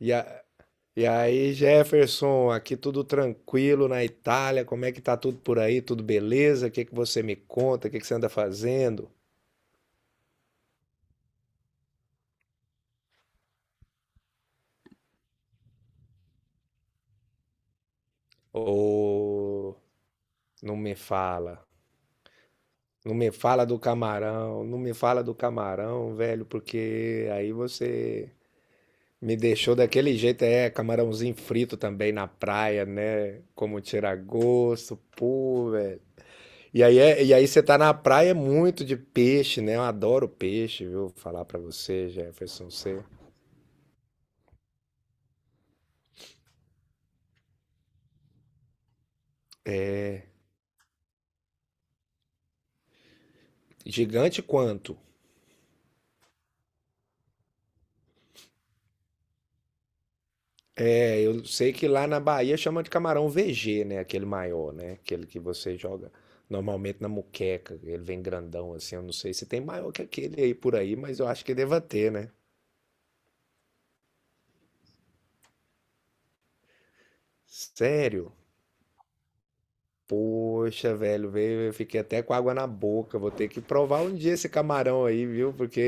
E, a- e aí, Jefferson, aqui tudo tranquilo na Itália, como é que tá tudo por aí? Tudo beleza? O que que você me conta? O que que você anda fazendo? Ô, não me fala. Não me fala do camarão, não me fala do camarão, velho, porque aí você me deixou daquele jeito, é, camarãozinho frito também na praia, né? Como tira gosto, pô, velho. E aí, e aí você tá na praia é muito de peixe, né? Eu adoro peixe, viu? Falar pra você, Jefferson, você. Gigante quanto? É, eu sei que lá na Bahia chama de camarão VG, né? Aquele maior, né? Aquele que você joga normalmente na muqueca. Ele vem grandão assim. Eu não sei se tem maior que aquele aí por aí, mas eu acho que deva ter, né? Sério? Poxa, velho, veio, eu fiquei até com água na boca. Vou ter que provar um dia esse camarão aí, viu? Porque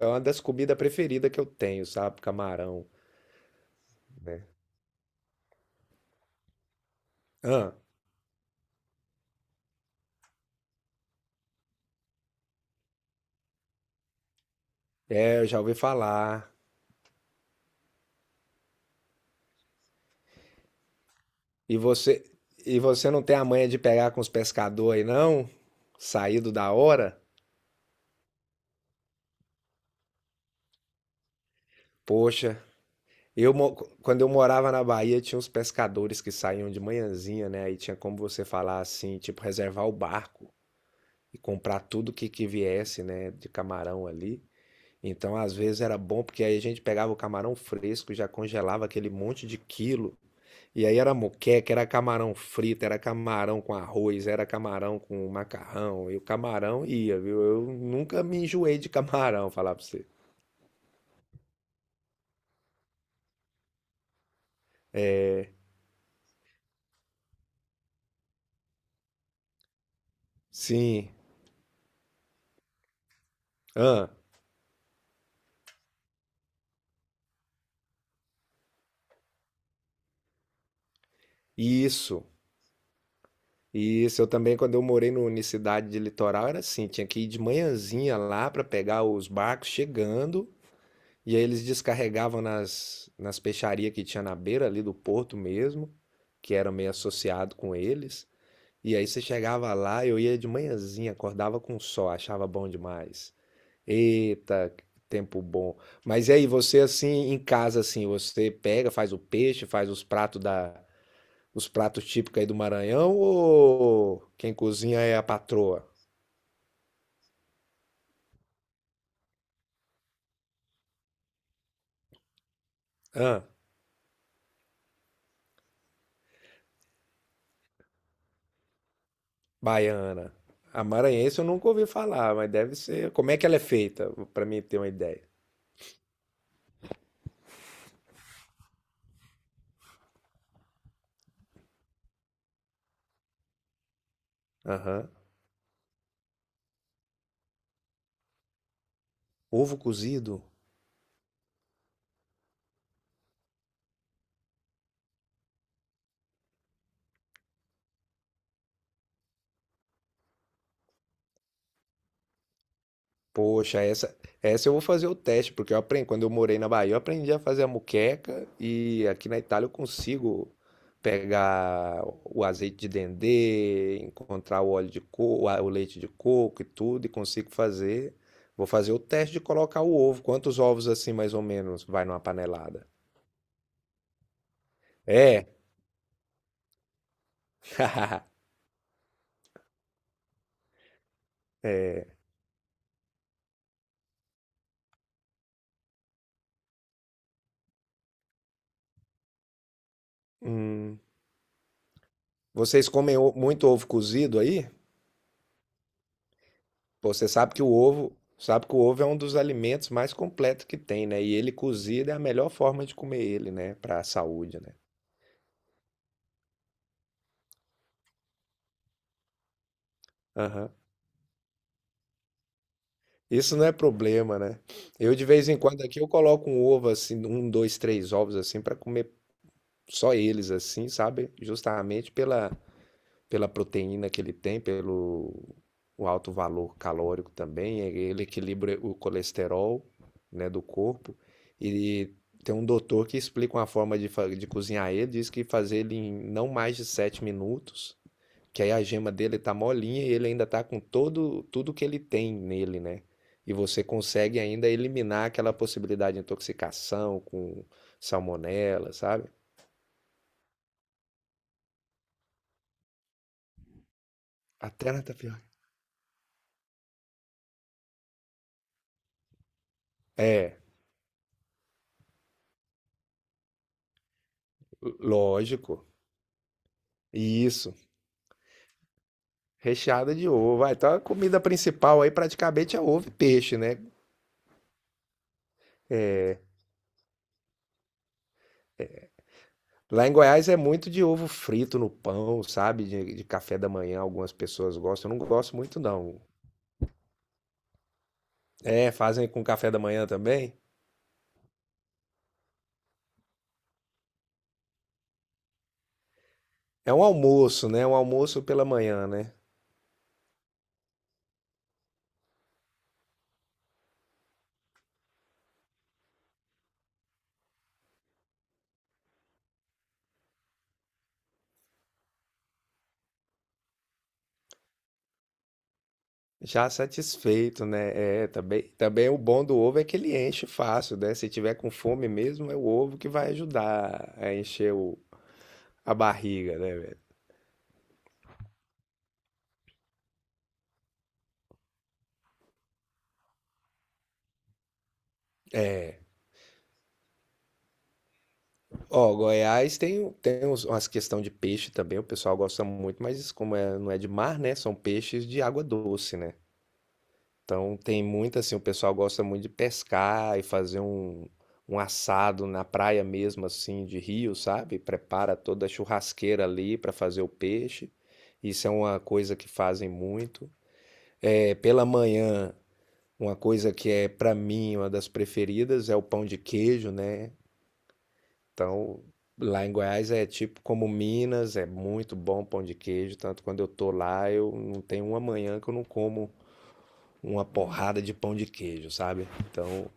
é uma das comidas preferidas que eu tenho, sabe? Camarão. Ah, é, eu já ouvi falar. E você, e você não tem a manha de pegar com os pescadores aí, não? Saído da hora? Poxa, eu mo- quando eu morava na Bahia, tinha uns pescadores que saíam de manhãzinha, né? Aí tinha como você falar assim, tipo, reservar o barco e comprar tudo que viesse, né, de camarão ali. Então, às vezes era bom porque aí a gente pegava o camarão fresco, já congelava aquele monte de quilo. E aí era moqueca, era camarão frito, era camarão com arroz, era camarão com macarrão. E o camarão ia, viu? Eu nunca me enjoei de camarão, falar pra você. Sim. Ah, isso. Isso. Eu também, quando eu morei no na cidade de Litoral, era assim: tinha que ir de manhãzinha lá pra pegar os barcos chegando. E aí eles descarregavam nas peixarias que tinha na beira ali do porto mesmo, que era meio associado com eles. E aí você chegava lá, eu ia de manhãzinha, acordava com o sol, achava bom demais. Eita, que tempo bom. Mas e aí você assim, em casa assim, você pega, faz o peixe, faz os pratos da os pratos típicos aí do Maranhão ou quem cozinha é a patroa? Hã? Baiana. A maranhense eu nunca ouvi falar, mas deve ser. Como é que ela é feita? Pra mim ter uma ideia. Aham. Ovo cozido? Poxa, essa eu vou fazer o teste, porque eu aprendi, quando eu morei na Bahia, eu aprendi a fazer a moqueca e aqui na Itália eu consigo pegar o azeite de dendê, encontrar o óleo de coco, o leite de coco e tudo, e consigo fazer. Vou fazer o teste de colocar o ovo. Quantos ovos assim, mais ou menos, vai numa panelada? É. É. Hum. Vocês comem muito ovo cozido aí? Pô, você sabe que o ovo, sabe que o ovo é um dos alimentos mais completos que tem, né? E ele cozido é a melhor forma de comer ele, né? Para a saúde, né? Aham. Isso não é problema, né? Eu de vez em quando aqui eu coloco um ovo assim, um, dois, três ovos assim para comer só eles assim, sabe? Justamente pela proteína que ele tem, pelo o alto valor calórico também, ele equilibra o colesterol, né, do corpo. E tem um doutor que explica uma forma de cozinhar ele, diz que fazer ele em não mais de 7 minutos, que aí a gema dele tá molinha e ele ainda tá com todo tudo que ele tem nele, né? E você consegue ainda eliminar aquela possibilidade de intoxicação com salmonela, sabe? Até na tapioca. É, lógico. Isso. Recheada de ovo. Ah, então a comida principal aí praticamente é ovo e peixe, né? É, lá em Goiás é muito de ovo frito no pão, sabe? De café da manhã, algumas pessoas gostam. Eu não gosto muito, não. É, fazem com café da manhã também? É um almoço, né? Um almoço pela manhã, né? Já satisfeito, né? É, também, também o bom do ovo é que ele enche fácil, né? Se tiver com fome mesmo, é o ovo que vai ajudar a encher a barriga, né, velho? É. Ó, Goiás tem, tem uns, umas questão de peixe também, o pessoal gosta muito, mas como é, não é de mar, né? São peixes de água doce, né? Então tem muito assim, o pessoal gosta muito de pescar e fazer um assado na praia mesmo, assim, de rio, sabe? Prepara toda a churrasqueira ali para fazer o peixe. Isso é uma coisa que fazem muito. É, pela manhã, uma coisa que é para mim uma das preferidas é o pão de queijo, né? Então, lá em Goiás é tipo como Minas, é muito bom pão de queijo. Tanto quando eu tô lá, eu não tenho uma manhã que eu não como uma porrada de pão de queijo, sabe? Então,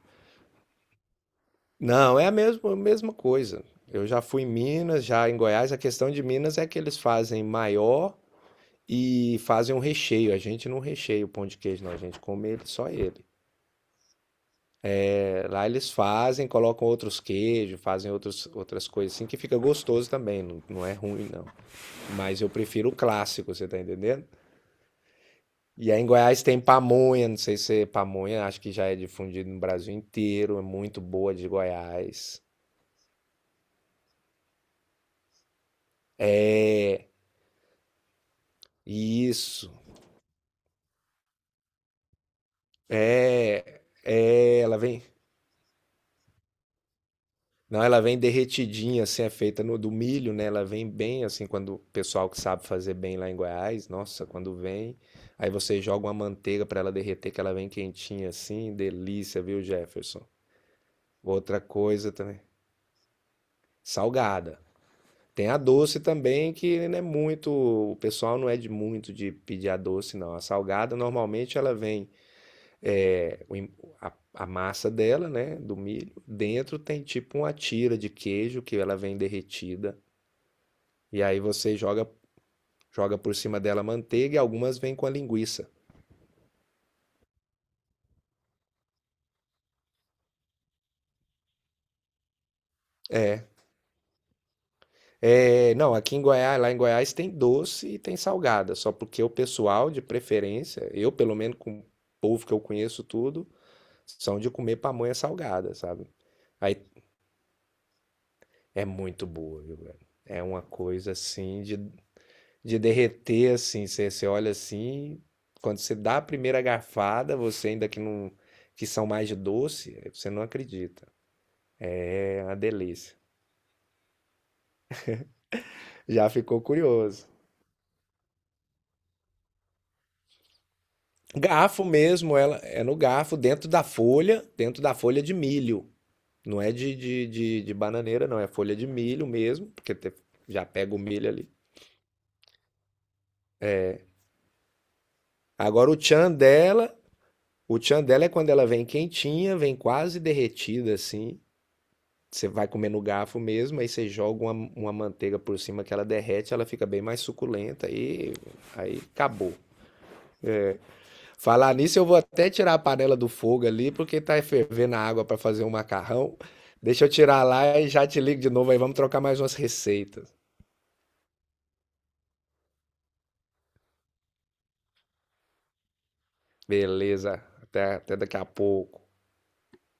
não, é a mesma coisa. Eu já fui em Minas, já em Goiás. A questão de Minas é que eles fazem maior e fazem um recheio. A gente não recheia o pão de queijo, não. A gente come ele, só ele. É, lá eles fazem, colocam outros queijos, fazem outros, outras coisas assim, que fica gostoso também. Não, não é ruim, não. Mas eu prefiro o clássico, você tá entendendo? E aí em Goiás tem pamonha, não sei se é pamonha, acho que já é difundido no Brasil inteiro, é muito boa de Goiás. Isso. É, é, ela vem, não, ela vem derretidinha, assim, é feita no do milho, né? Ela vem bem assim quando o pessoal que sabe fazer bem lá em Goiás, nossa, quando vem, aí você joga uma manteiga para ela derreter, que ela vem quentinha assim, delícia, viu, Jefferson? Outra coisa também, salgada. Tem a doce também, que não é muito. O pessoal não é de muito de pedir a doce, não. A salgada, normalmente, ela vem. é, o em- a massa dela, né? Do milho. Dentro tem tipo uma tira de queijo que ela vem derretida. E aí você joga por cima dela manteiga e algumas vêm com a linguiça. É, não, aqui em Goiás, lá em Goiás tem doce e tem salgada, só porque o pessoal de preferência, eu pelo menos com o povo que eu conheço tudo, são de comer pamonha salgada, sabe? Aí é muito boa, viu, velho? É uma coisa assim de derreter assim. Você, você olha assim, quando você dá a primeira garfada, você ainda que não que são mais de doce, você não acredita. É uma delícia. Já ficou curioso. Garfo mesmo, ela é no garfo dentro da folha de milho. Não é de bananeira, não. É folha de milho mesmo, porque já pega o milho ali. Agora o tchan dela O tchan dela é quando ela vem quentinha, vem quase derretida assim. Você vai comer no garfo mesmo, aí você joga uma manteiga por cima que ela derrete, ela fica bem mais suculenta e aí acabou. Falar nisso, eu vou até tirar a panela do fogo ali, porque tá fervendo a água para fazer um macarrão. Deixa eu tirar lá e já te ligo de novo aí, vamos trocar mais umas receitas. Beleza, até daqui a pouco.